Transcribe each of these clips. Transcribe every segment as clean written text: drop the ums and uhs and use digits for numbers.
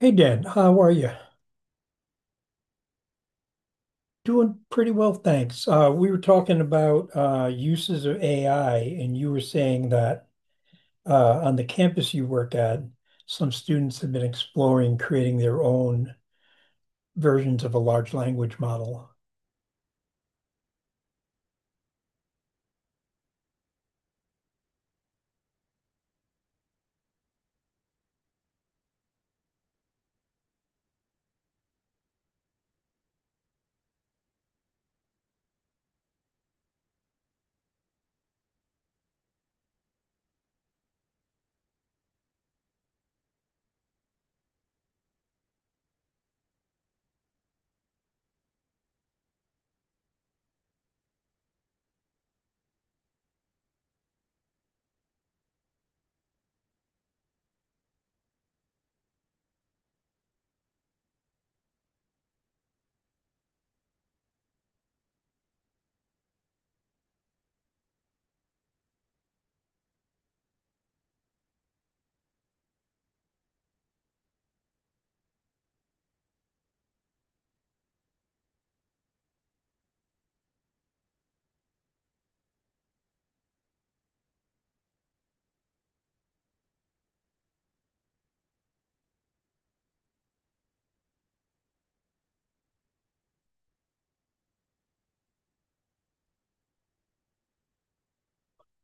Hey, Dan, how are you? Doing pretty well, thanks. We were talking about uses of AI, and you were saying that on the campus you work at, some students have been exploring creating their own versions of a large language model.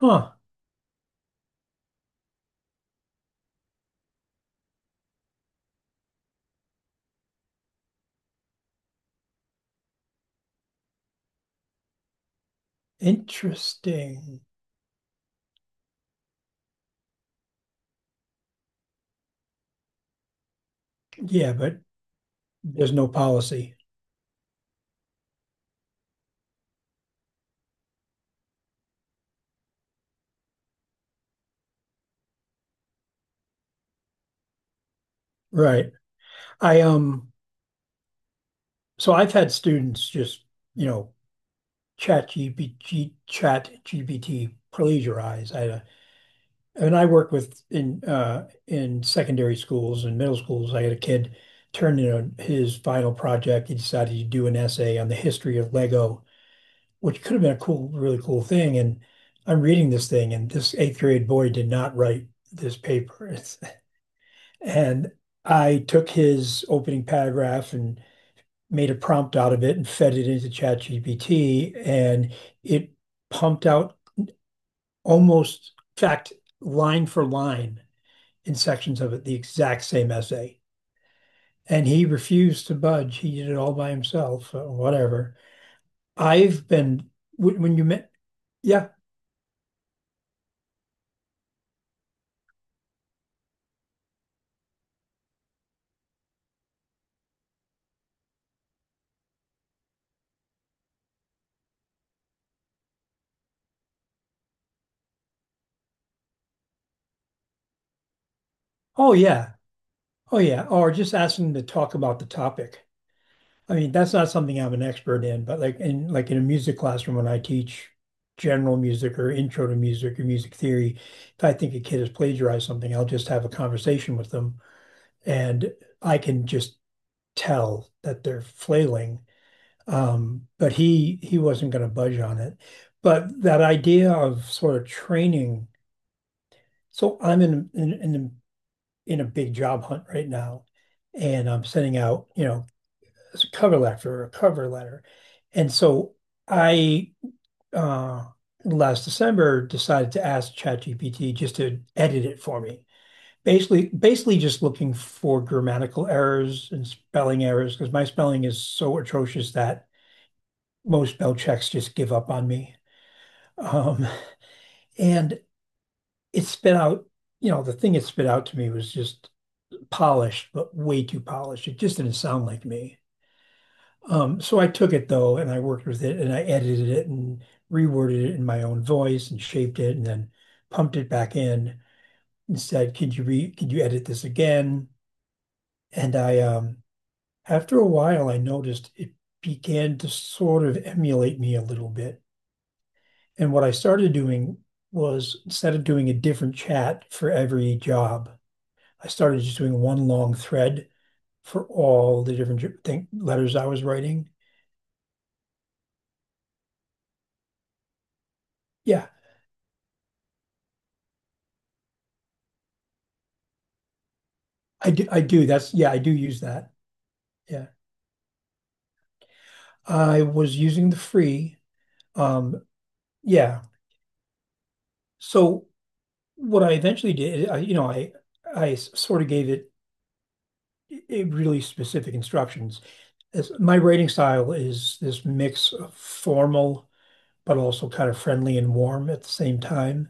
Huh, interesting. Yeah, but there's no policy. Right. I So I've had students just, you know, chat GPT plagiarize. I And I work with in secondary schools and middle schools. I had a kid turn in his final project. He decided to do an essay on the history of Lego, which could have been a cool, really cool thing. And I'm reading this thing, and this eighth grade boy did not write this paper. And I took his opening paragraph and made a prompt out of it and fed it into ChatGPT, and it pumped out almost, in fact, line for line in sections of it the exact same essay. And he refused to budge. He did it all by himself, or whatever. I've been, when you met, Yeah, oh, yeah, oh, yeah, or just asking him to talk about the topic. I mean, that's not something I'm an expert in, but like in a music classroom when I teach general music or intro to music or music theory, if I think a kid has plagiarized something, I'll just have a conversation with them and I can just tell that they're flailing. But he wasn't going to budge on it. But that idea of sort of training. So I'm in a big job hunt right now, and I'm sending out, you know, a cover letter. And so I uh last December decided to ask ChatGPT just to edit it for me. Basically just looking for grammatical errors and spelling errors because my spelling is so atrocious that most spell checks just give up on me. Um, and it spit out, you know, the thing it spit out to me was just polished, but way too polished. It just didn't sound like me. So I took it though, and I worked with it, and I edited it and reworded it in my own voice and shaped it, and then pumped it back in and said, "Could you re? Could you edit this again?" And I, after a while, I noticed it began to sort of emulate me a little bit. And what I started doing was instead of doing a different chat for every job, I started just doing one long thread for all the letters I was writing. Yeah, I do. I do. That's yeah, I do use that. Yeah, I was using the free. Um, yeah. So what I eventually did, I, you know, I s- sort of gave it, it really specific instructions. As my writing style is this mix of formal but also kind of friendly and warm at the same time.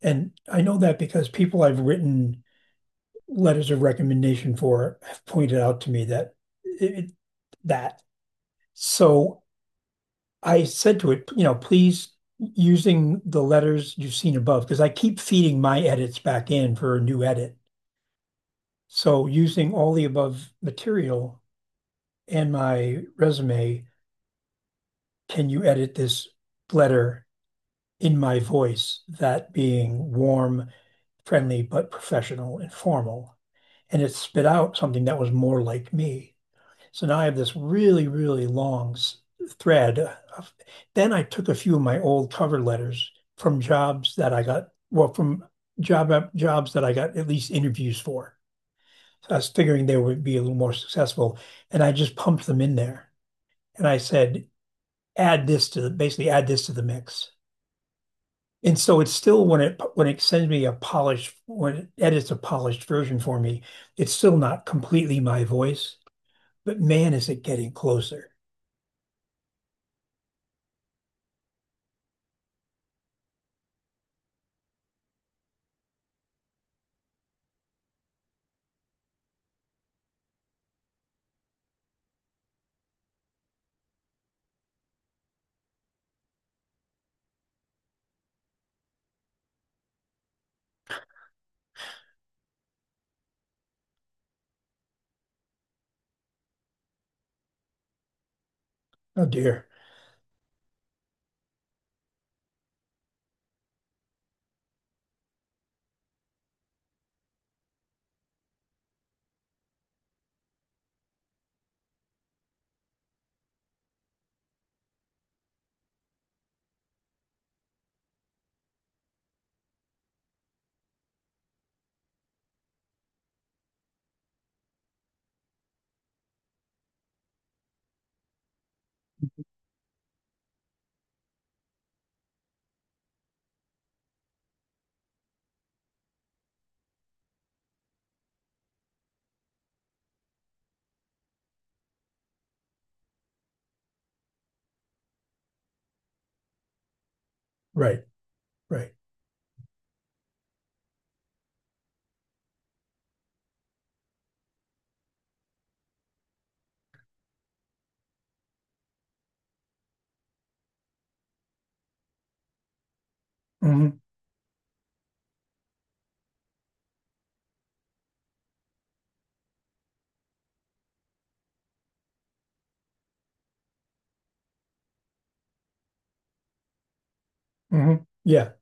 And I know that because people I've written letters of recommendation for have pointed out to me that it, that. So I said to it, you know, please using the letters you've seen above, because I keep feeding my edits back in for a new edit. So using all the above material and my resume, can you edit this letter in my voice? That being warm, friendly, but professional and formal. And it spit out something that was more like me. So now I have this really, really long s- thread. Of- Then I took a few of my old cover letters from jobs that I got, well, from jobs that I got at least interviews for. So I was figuring they would be a little more successful, and I just pumped them in there. And I said, add this to the, basically add this to the mix. And so it's still when it sends me a polished when it edits a polished version for me, it's still not completely my voice, but man, is it getting closer. Oh dear. Right. Right. Hmm. Hmm. Yeah.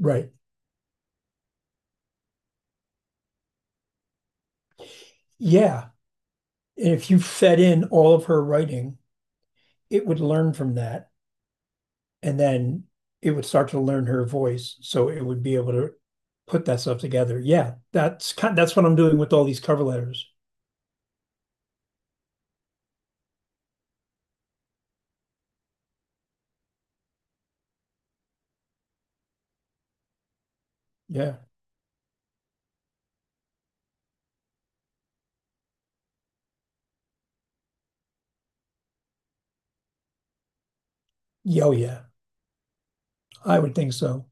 Right. Yeah. If you fed in all of her writing, it would learn from that, and then it would start to learn her voice, so it would be able to put that stuff together. Yeah, that's kind. That's what I'm doing with all these cover letters. Yeah. Yeah, oh, yeah. I would think so.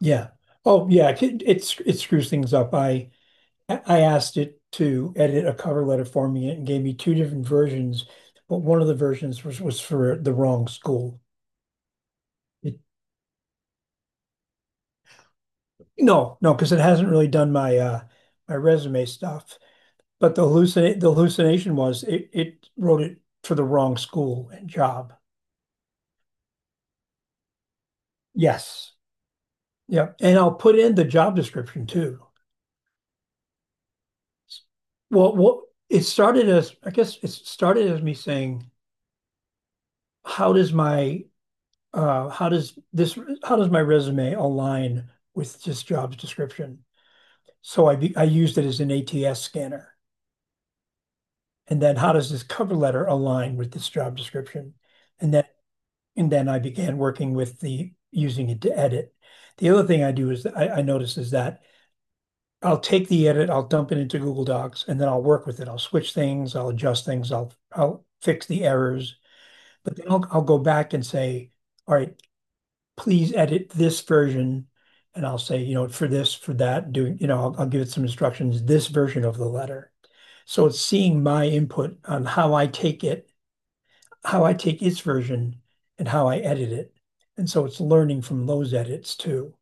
Yeah. Oh, yeah. It screws things up. I asked it to edit a cover letter for me, and gave me two different versions, but one of the versions was for the wrong school. It No, no, because it hasn't really done my resume stuff. But the hallucination was it wrote it for the wrong school and job. Yes. Yeah, and I'll put in the job description too. Well, what it started as I guess it started as me saying, how does my uh how does this how does my resume align with this job's description? So I used it as an ATS scanner. And then how does this cover letter align with this job description? And then And then I began working with the using it to edit. The other thing I do is I notice is that I'll take the edit, I'll dump it into Google Docs, and then I'll work with it. I'll switch things, I'll adjust things, I'll fix the errors, but then I'll go back and say, all right, please edit this version. And I'll say, you know, for this, for that, doing, you know, I'll give it some instructions, this version of the letter. So it's seeing my input on how I take its version and how I edit it. And so it's learning from those edits too.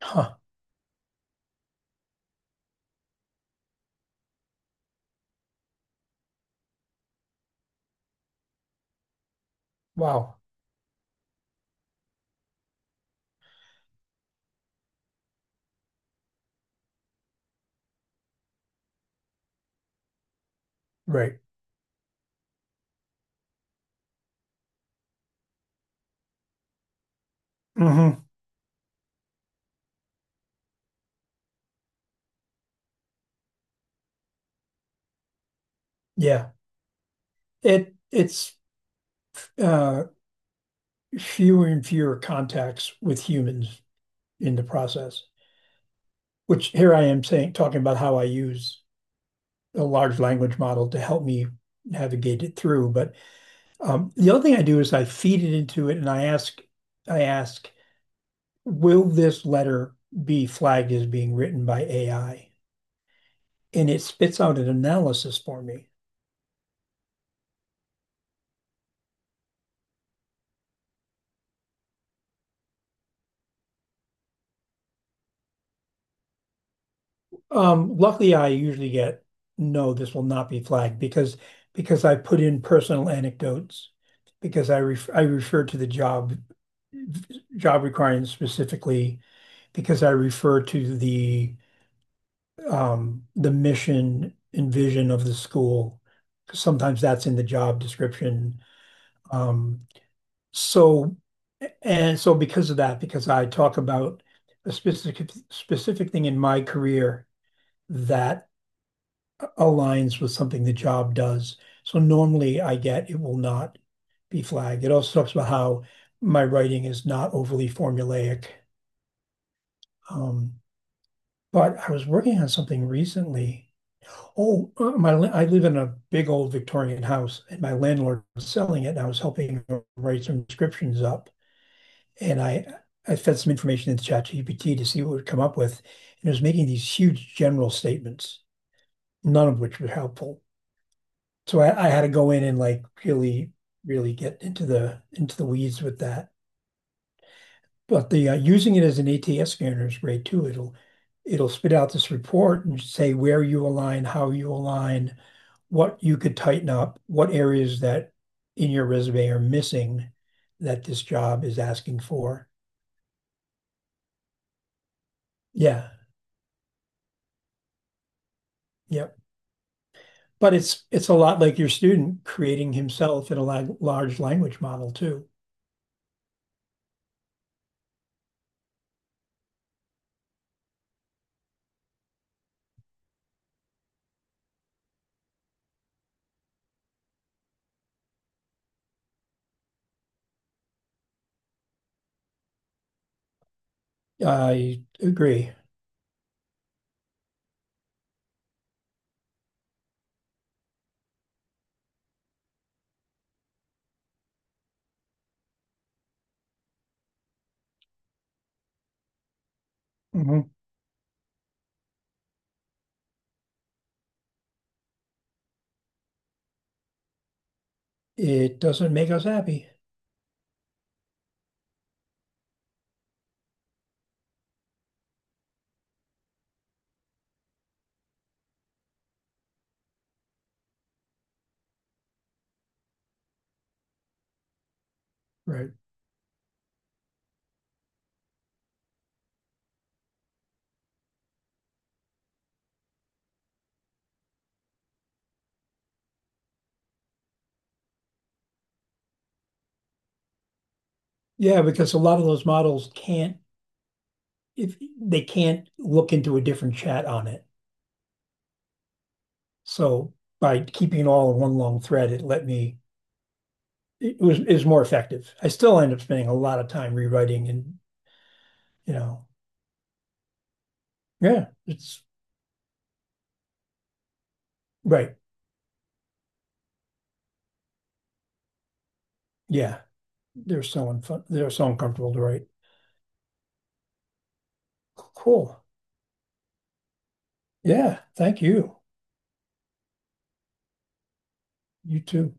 Huh. Wow. Right. Mm-hmm. Yeah. It it's uh Fewer and fewer contacts with humans in the process, which here I am saying talking about how I use a large language model to help me navigate it through. But the other thing I do is I feed it into it and I ask, will this letter be flagged as being written by AI? And it spits out an analysis for me. Luckily, I usually get no, this will not be flagged because I put in personal anecdotes because I refer to the job requirements specifically because I refer to the mission and vision of the school. Sometimes that's in the job description. Um, So, and so because of that, because I talk about a specific thing in my career that aligns with something the job does. So normally I get it will not be flagged. It also talks about how my writing is not overly formulaic. Um, but I was working on something recently. I live in a big old Victorian house, and my landlord was selling it, and I was helping him write some descriptions up. And I fed some information into ChatGPT to see what it would come up with, and it was making these huge general statements, none of which were helpful. So I had to go in and like really, really get into the weeds with that. But the using it as an ATS scanner is great too. It'll spit out this report and say where you align, how you align, what you could tighten up, what areas that in your resume are missing that this job is asking for. Yeah. Yep. But it's a lot like your student creating himself in a la large language model too. I agree. Mhm. It doesn't make us happy. Right. Yeah, because a lot of those models can't if they can't look into a different chat on it. So by keeping it all in one long thread, it let me it was is more effective. I still end up spending a lot of time rewriting and you know, yeah, it's right. Yeah. They're so uncomfortable to write. Cool. Yeah, thank you. You too.